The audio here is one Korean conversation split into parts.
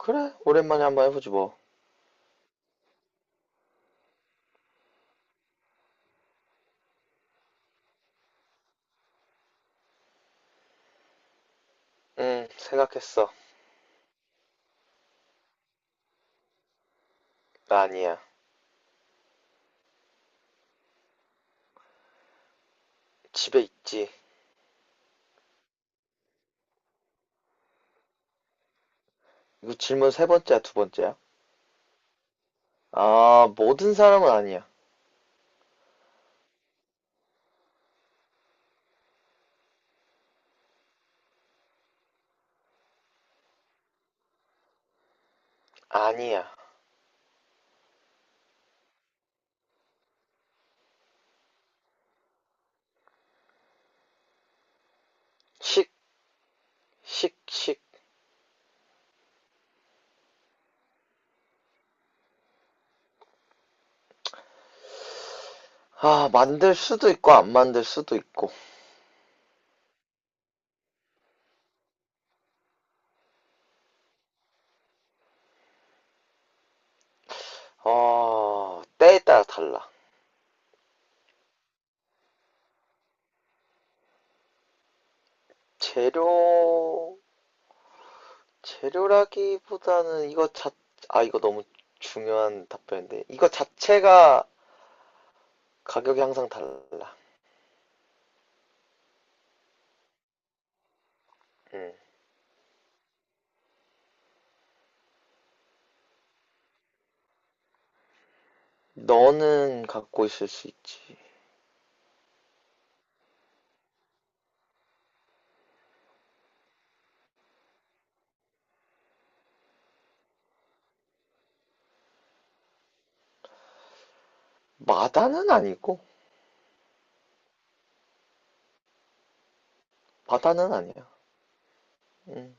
그래, 오랜만에 한번 해보지 뭐. 응, 생각했어. 나 아니야. 집에 있지. 이거 질문 세 번째야, 두 번째야? 아, 모든 사람은 아니야. 아니야. 식, 식, 식. 아, 만들 수도 있고, 안 만들 수도 있고. 어, 때에 따라 달라. 재료, 재료라기보다는 아, 이거 너무 중요한 답변인데. 이거 자체가 가격이 항상 달라. 응. 너는 갖고 있을 수 있지. 마다는 아니고. 바다는 아니야. 음,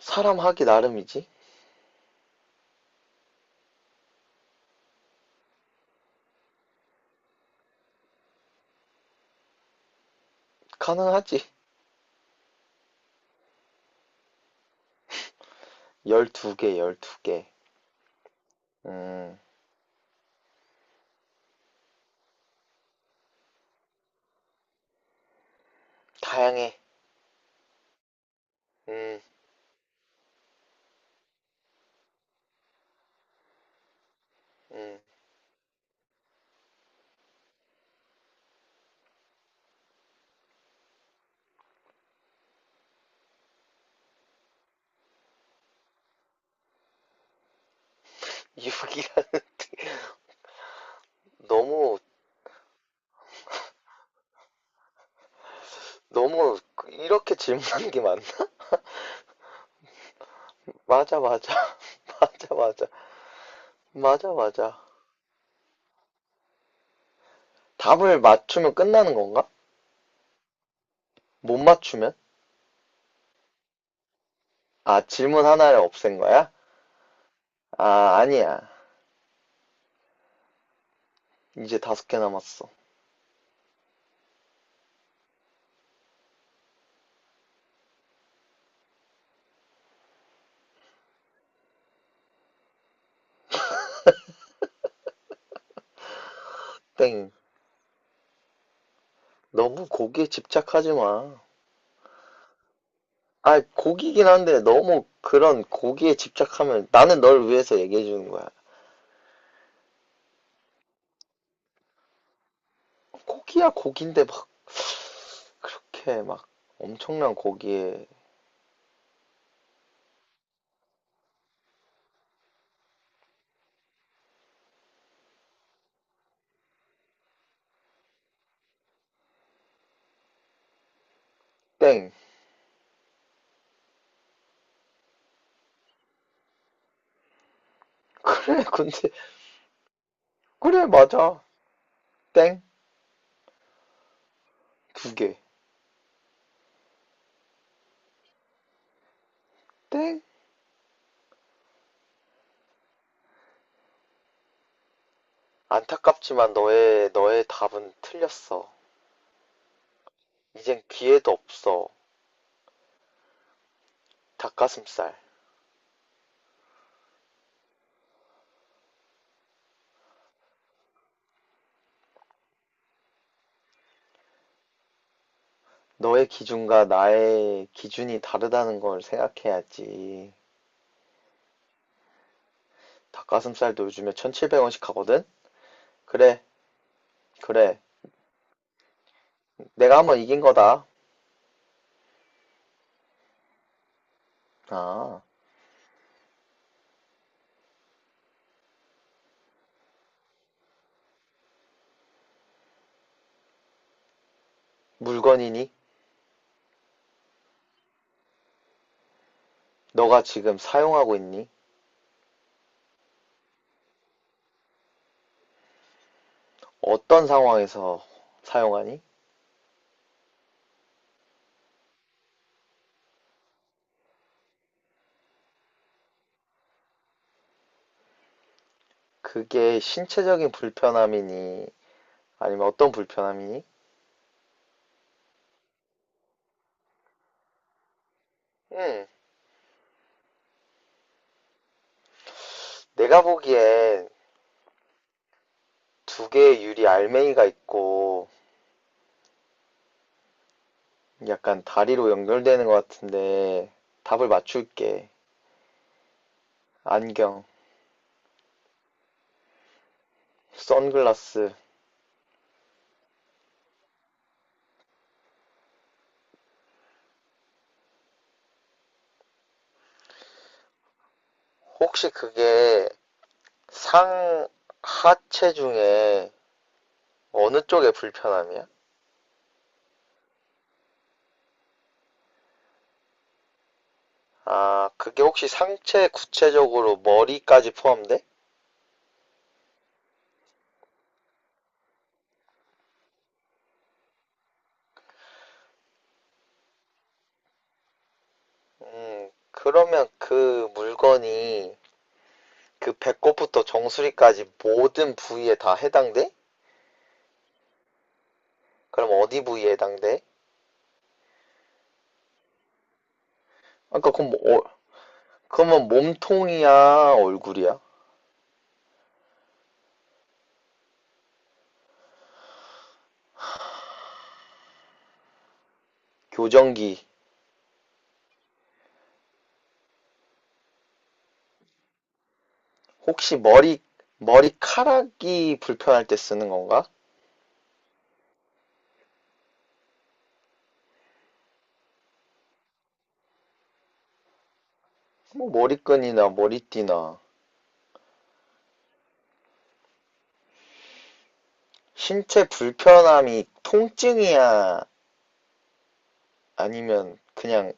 사람 하기 나름이지. 가능하지. 12개, 12개. 음, 다양해. 음, 음. 유기가 너무, 너무, 이렇게 질문하는 게 맞나? 맞아, 맞아. 맞아, 맞아. 맞아, 맞아. 답을 맞추면 끝나는 건가? 못 맞추면? 아, 질문 하나를 없앤 거야? 아, 아니야. 이제 다섯 개 남았어. 땡. 너무 거기에 집착하지 마. 아, 고기긴 한데 너무 그런 고기에 집착하면 나는 널 위해서 얘기해 주는 거야. 고기야 고기인데 막 그렇게 막 엄청난 고기에 땡. 그래, 근데 그래 맞아. 땡. 두 개. 땡. 안타깝지만 너의 답은 틀렸어. 이젠 기회도 없어. 닭가슴살. 너의 기준과 나의 기준이 다르다는 걸 생각해야지. 닭가슴살도 요즘에 1,700원씩 하거든? 그래, 그래. 내가 한번 이긴 거다. 아, 물건이니? 너가 지금 사용하고 있니? 어떤 상황에서 사용하니? 그게 신체적인 불편함이니? 아니면 어떤 불편함이니? 음, 내가 보기엔 두 개의 유리 알맹이가 있고 약간 다리로 연결되는 것 같은데 답을 맞출게. 안경, 선글라스. 혹시 그게 상하체 중에 어느 쪽의 불편함이야? 아, 그게 혹시 상체 구체적으로 머리까지 포함돼? 그러면 그 물건이 그 배꼽부터 정수리까지 모든 부위에 다 해당돼? 그럼 어디 부위에 해당돼? 아까 그럼 뭐, 그러면 몸통이야, 얼굴이야? 교정기. 혹시 머리카락이 불편할 때 쓰는 건가? 뭐 머리끈이나 머리띠나. 신체 불편함이 통증이야? 아니면 그냥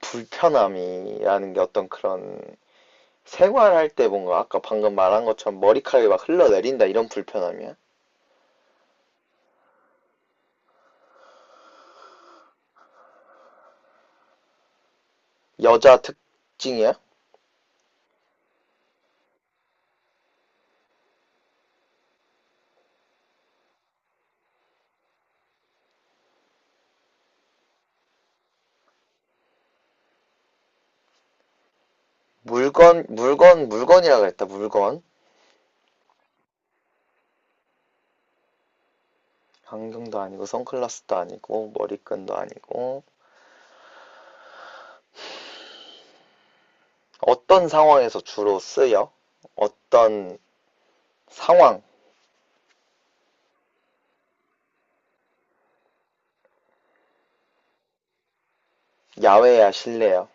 불편함이라는 게 어떤 그런 생활할 때 뭔가 아까 방금 말한 것처럼 머리카락이 막 흘러내린다 이런 불편함이야? 여자 특징이야? 물건, 물건, 물건이라 그랬다, 물건. 안경도 아니고 선글라스도 아니고 머리끈도 아니고 어떤 상황에서 주로 쓰여? 어떤 상황? 야외야, 실내야?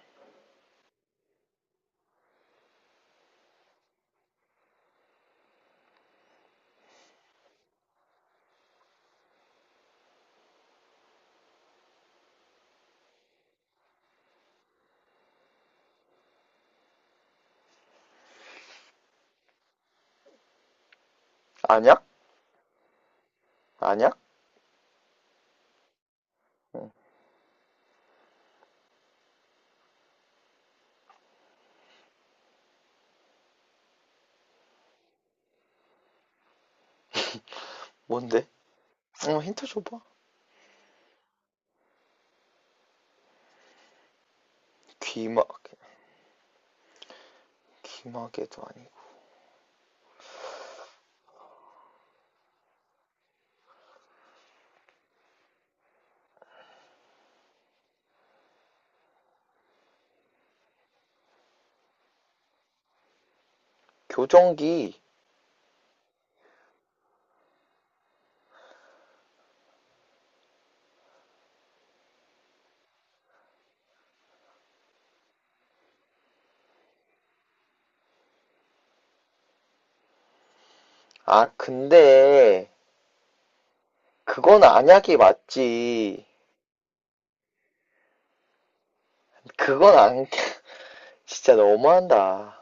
안약? 안약? 응. 뭔데? 응, 힌트 줘봐. 귀마, 귀마개도 아니고. 교정기. 아, 근데 그건 안약이 맞지. 그건 안, 진짜 너무한다.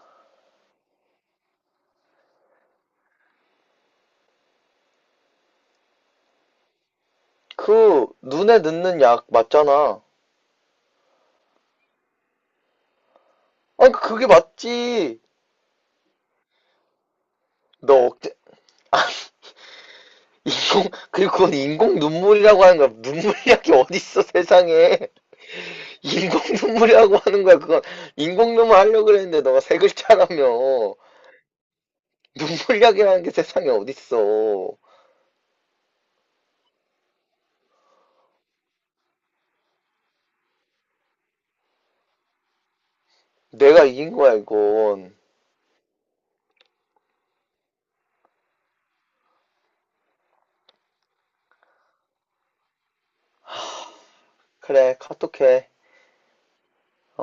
그, 눈에 넣는 약 맞잖아. 아니, 그게 맞지. 너 억제, 아, 그리고 그건 인공 눈물이라고 하는 거야. 눈물약이 어딨어, 세상에. 인공 눈물이라고 하는 거야. 그건 인공 눈물 하려고 그랬는데 너가 세 글자라며. 눈물약이라는 게 세상에 어딨어. 내가 이긴 거야, 이건. 그래, 카톡해.